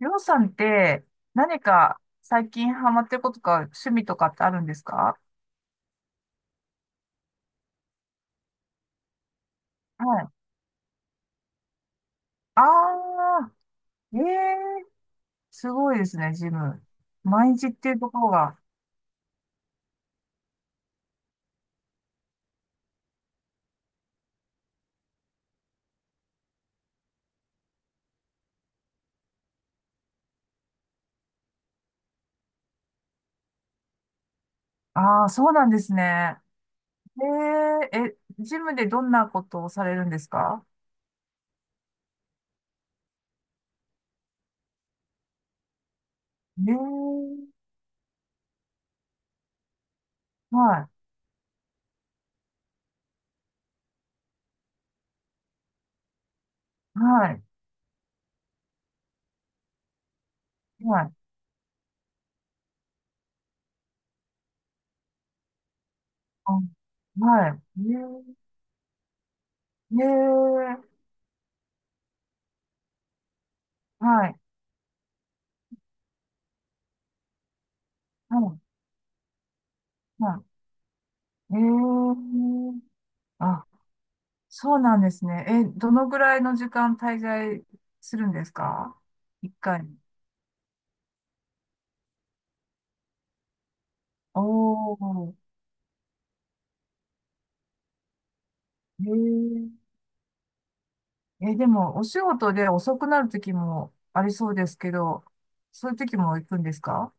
りょうさんって何か最近ハマってることか趣味とかってあるんですか？はい。ああ、ええ、すごいですね、ジム。毎日っていうところが。ああ、そうなんですね。えええ、ジムでどんなことをされるんですか？ええ、はい、はい、はい、あ、はい、ええええ、はい、はい、はい、ええ、あ、そうなんですね。え、どのぐらいの時間滞在するんですか？一回に。おー、へえ。え、でも、お仕事で遅くなる時もありそうですけど、そういう時も行くんですか？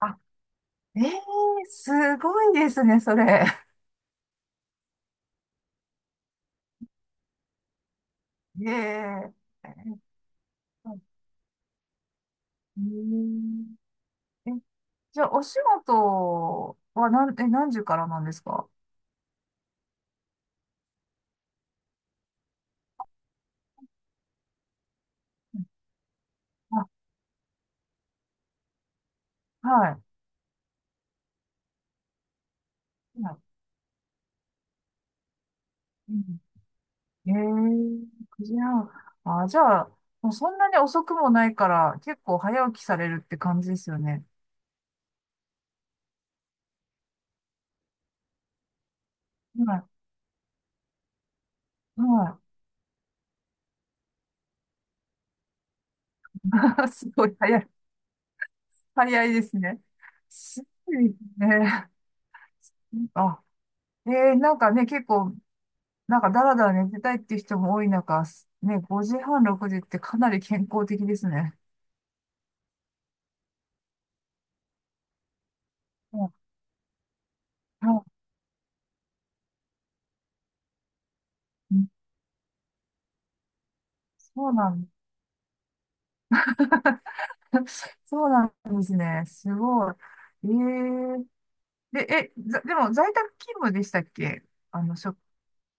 あ、ええ、すごいですね、それ。へえ。え、うん。ええ、じゃあ、お仕事は何、え、何時からなんですか？あ、はい。はい、うん、ええ、9時半。あ、じゃあ、もうそんなに遅くもないから、結構早起きされるって感じですよね。はい。はい。すごい早い。早いですね。すごいね。あ、ええ、なんかね、結構、なんかだらだら寝てたいっていう人も多い中、ね、5時半、6時ってかなり健康的ですね。うん、うん、そうなん、そうなんですね。すごい。ええ、で、え、ざでも在宅勤務でしたっけ？あの、しょ、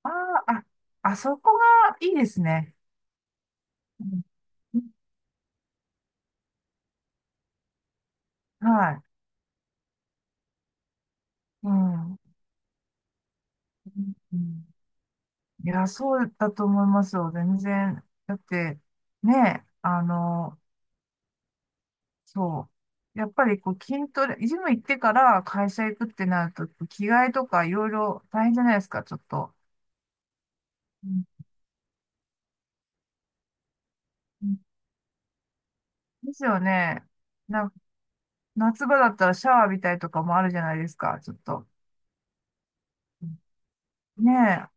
あー、あ、あそこがいいですね。うん、はい。うん。うん、いや、そうだと思いますよ。全然。だって、ね、あの、そう。やっぱりこう筋トレ、ジム行ってから会社行くってなると、着替えとかいろいろ大変じゃないですか、ちょっと。うん、うんですよね。な、夏場だったらシャワー浴びたりとかもあるじゃないですか、ちょっと。ねえ、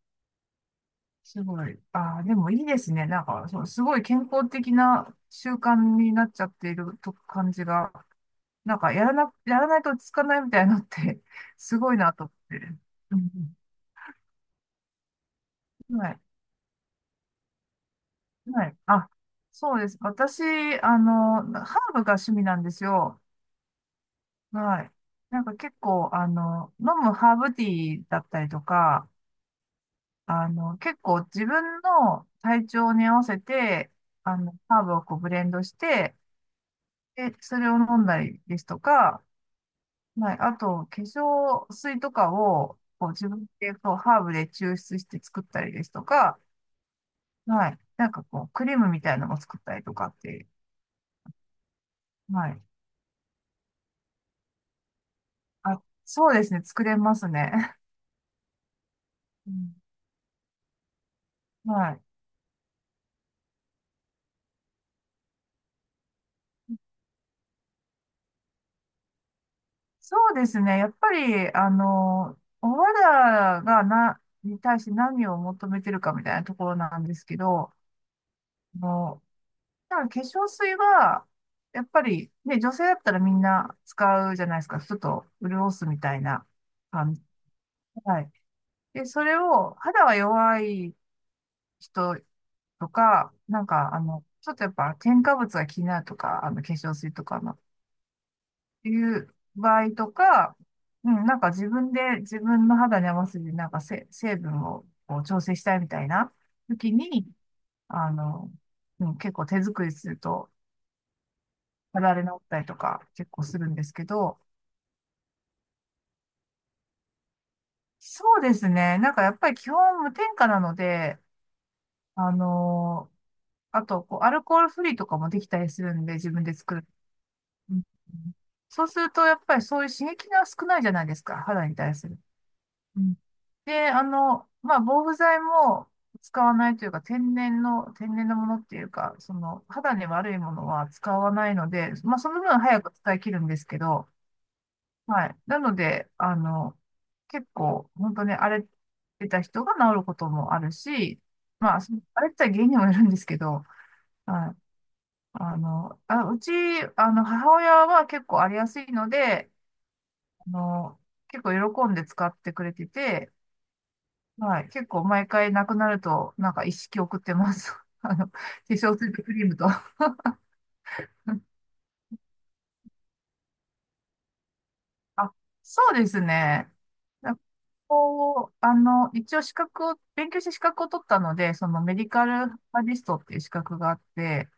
すごい。ああ、でもいいですね。なんか、そう、すごい健康的な習慣になっちゃっていると感じが、なんか、やらな、やらないと落ち着かないみたいなのって すごいなと思って。うん。はい。はい。あ、そうです。私、ハーブが趣味なんですよ。はい。なんか結構、飲むハーブティーだったりとか、結構自分の体調に合わせて、ハーブをこうブレンドして、で、それを飲んだりですとか、はい、あと、化粧水とかを、こう、自分で、こう、ハーブで抽出して作ったりですとか、はい、なんかこう、クリームみたいなのも作ったりとかって、はい。あ、そうですね、作れますね。うん、はい。そうですね。やっぱり、お肌がな、に対して何を求めてるかみたいなところなんですけど、あの、だから化粧水は、やっぱり、ね、女性だったらみんな使うじゃないですか。ちょっと潤すみたいな感じ。はい。で、それを、肌が弱い人とか、なんか、あの、ちょっとやっぱ添加物が気になるとか、あの、化粧水とかの、いう場合とか、うん、なんか自分で自分の肌に合わせて、なんかせ成分をこう調整したいみたいな時に、あの、うん、結構手作りすると、肌荒れ治ったりとか結構するんですけど、そうですね。なんかやっぱり基本無添加なので、あのーあと、こう、アルコールフリーとかもできたりするんで、自分で作る。うん、そうすると、やっぱりそういう刺激が少ないじゃないですか、肌に対する。うん、で、まあ、防腐剤も使わないというか、天然の、天然のものっていうか、その、肌に悪いものは使わないので、まあ、その分早く使い切るんですけど、はい。なので、あの、結構、本当に荒れてた人が治ることもあるし、まあ、その荒れてた原因にもよるんですけど、はい。あの、あ、うち、母親は結構荒れやすいので、あの、結構喜んで使ってくれてて、はい。結構毎回なくなると、なんか一式送ってます。あの、化粧水とクリームと。あ、そうですね。だ、こう、あの、一応資格を、勉強して資格を取ったので、そのメディカルバリストっていう資格があって、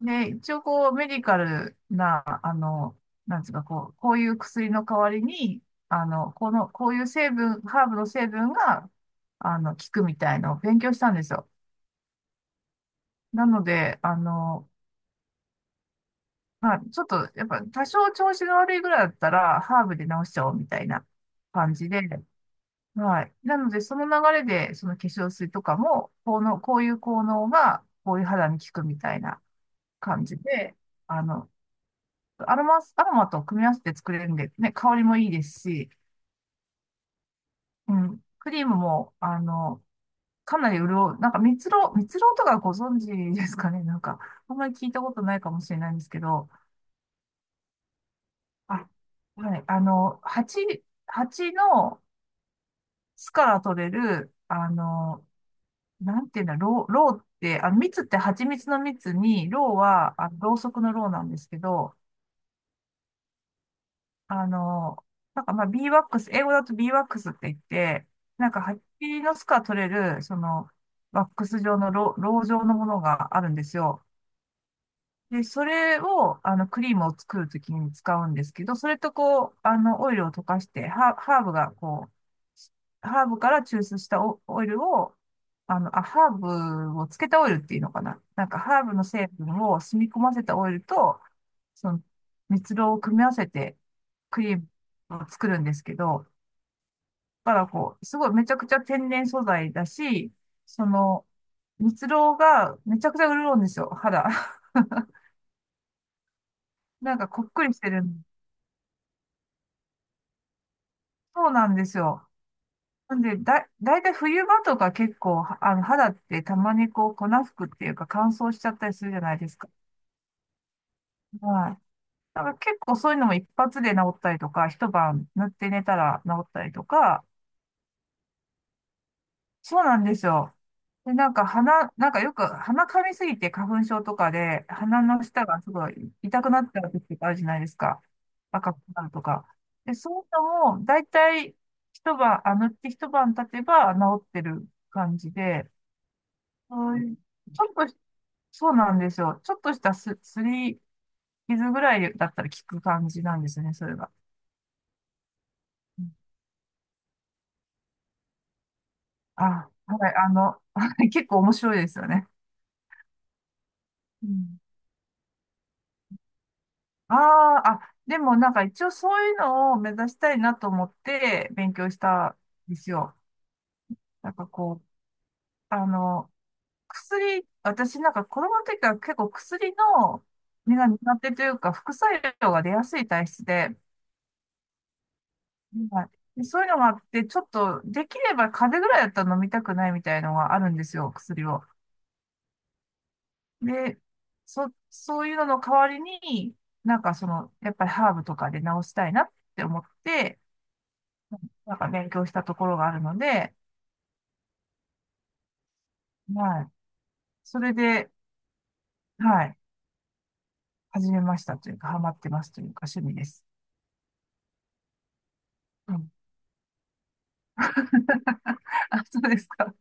で、一応こう、メディカルな、あの、なんつうか、こう、こういう薬の代わりに、あの、この、こういう成分、ハーブの成分が、効くみたいのを勉強したんですよ。なので、まあ、ちょっと、やっぱ、多少調子が悪いぐらいだったら、ハーブで治しちゃおうみたいな感じで、はい。なので、その流れで、その化粧水とかも、このこういう効能が、こういう肌に効くみたいな感じで、あの、アロマス、アロマと組み合わせて作れるんで、ね、香りもいいですし、うん、クリームも、かなり潤う、なんか蜜蝋、蜜蝋とかご存知ですかね、なんか、あんまり聞いたことないかもしれないんですけど、あ、はい、あの、蜂、蜂の巣から取れる、あの、なんていうんだ、ろう、ろうって、あの、蜜って蜂蜜の蜜に、ろうは、あの、ろうそくのろうなんですけど、あの、なんかまあ、ビーワックス、英語だとビーワックスって言って、なんか蜂の巣から取れる、その、ワックス状のろう、ろう状のものがあるんですよ。で、それを、あの、クリームを作るときに使うんですけど、それとこう、あの、オイルを溶かして、ハー、ハーブがこう、ハーブから抽出したオ、オイルを、あの、あ、ハーブをつけたオイルっていうのかな。なんか、ハーブの成分を染み込ませたオイルと、その、蜜蝋を組み合わせて、クリームを作るんですけど、だからこう、すごいめちゃくちゃ天然素材だし、その、蜜蝋がめちゃくちゃ潤うんですよ、肌。なんかこっくりしてる、そうなんですよ。なんで、だ、だいたい冬場とか結構、はあの、肌ってたまにこう、粉吹くっていうか乾燥しちゃったりするじゃないですか。はい。だから結構そういうのも一発で治ったりとか、一晩塗って寝たら治ったりとか、そうなんですよ。で、なんか鼻、なんかよく鼻噛みすぎて花粉症とかで、鼻の下がすごい痛くなった時とかあるじゃないですか。赤くなるとか。で、そういうのも、だいたい一晩、あ、塗って一晩経てば治ってる感じで、はい。ちょっとし、そうなんですよ。ちょっとしたす、すり傷ぐらいだったら効く感じなんですね、それが。うん、あ、はい、あの、結構面白いですよね。うん、ああ、あ、でもなんか一応そういうのを目指したいなと思って勉強したんですよ。なんかこう、あの、薬、私なんか子供の時から結構薬の、目が苦手というか副作用が出やすい体質で、はい、でそういうのがあって、ちょっと、できれば風邪ぐらいだったら飲みたくないみたいのがあるんですよ、薬を。で、そ、そういうのの代わりに、なんかその、やっぱりハーブとかで治したいなって思って、なんか勉強したところがあるので、はい。それで、はい。始めましたというか、ハマってますというか、趣味です。うん。あ、そうですか。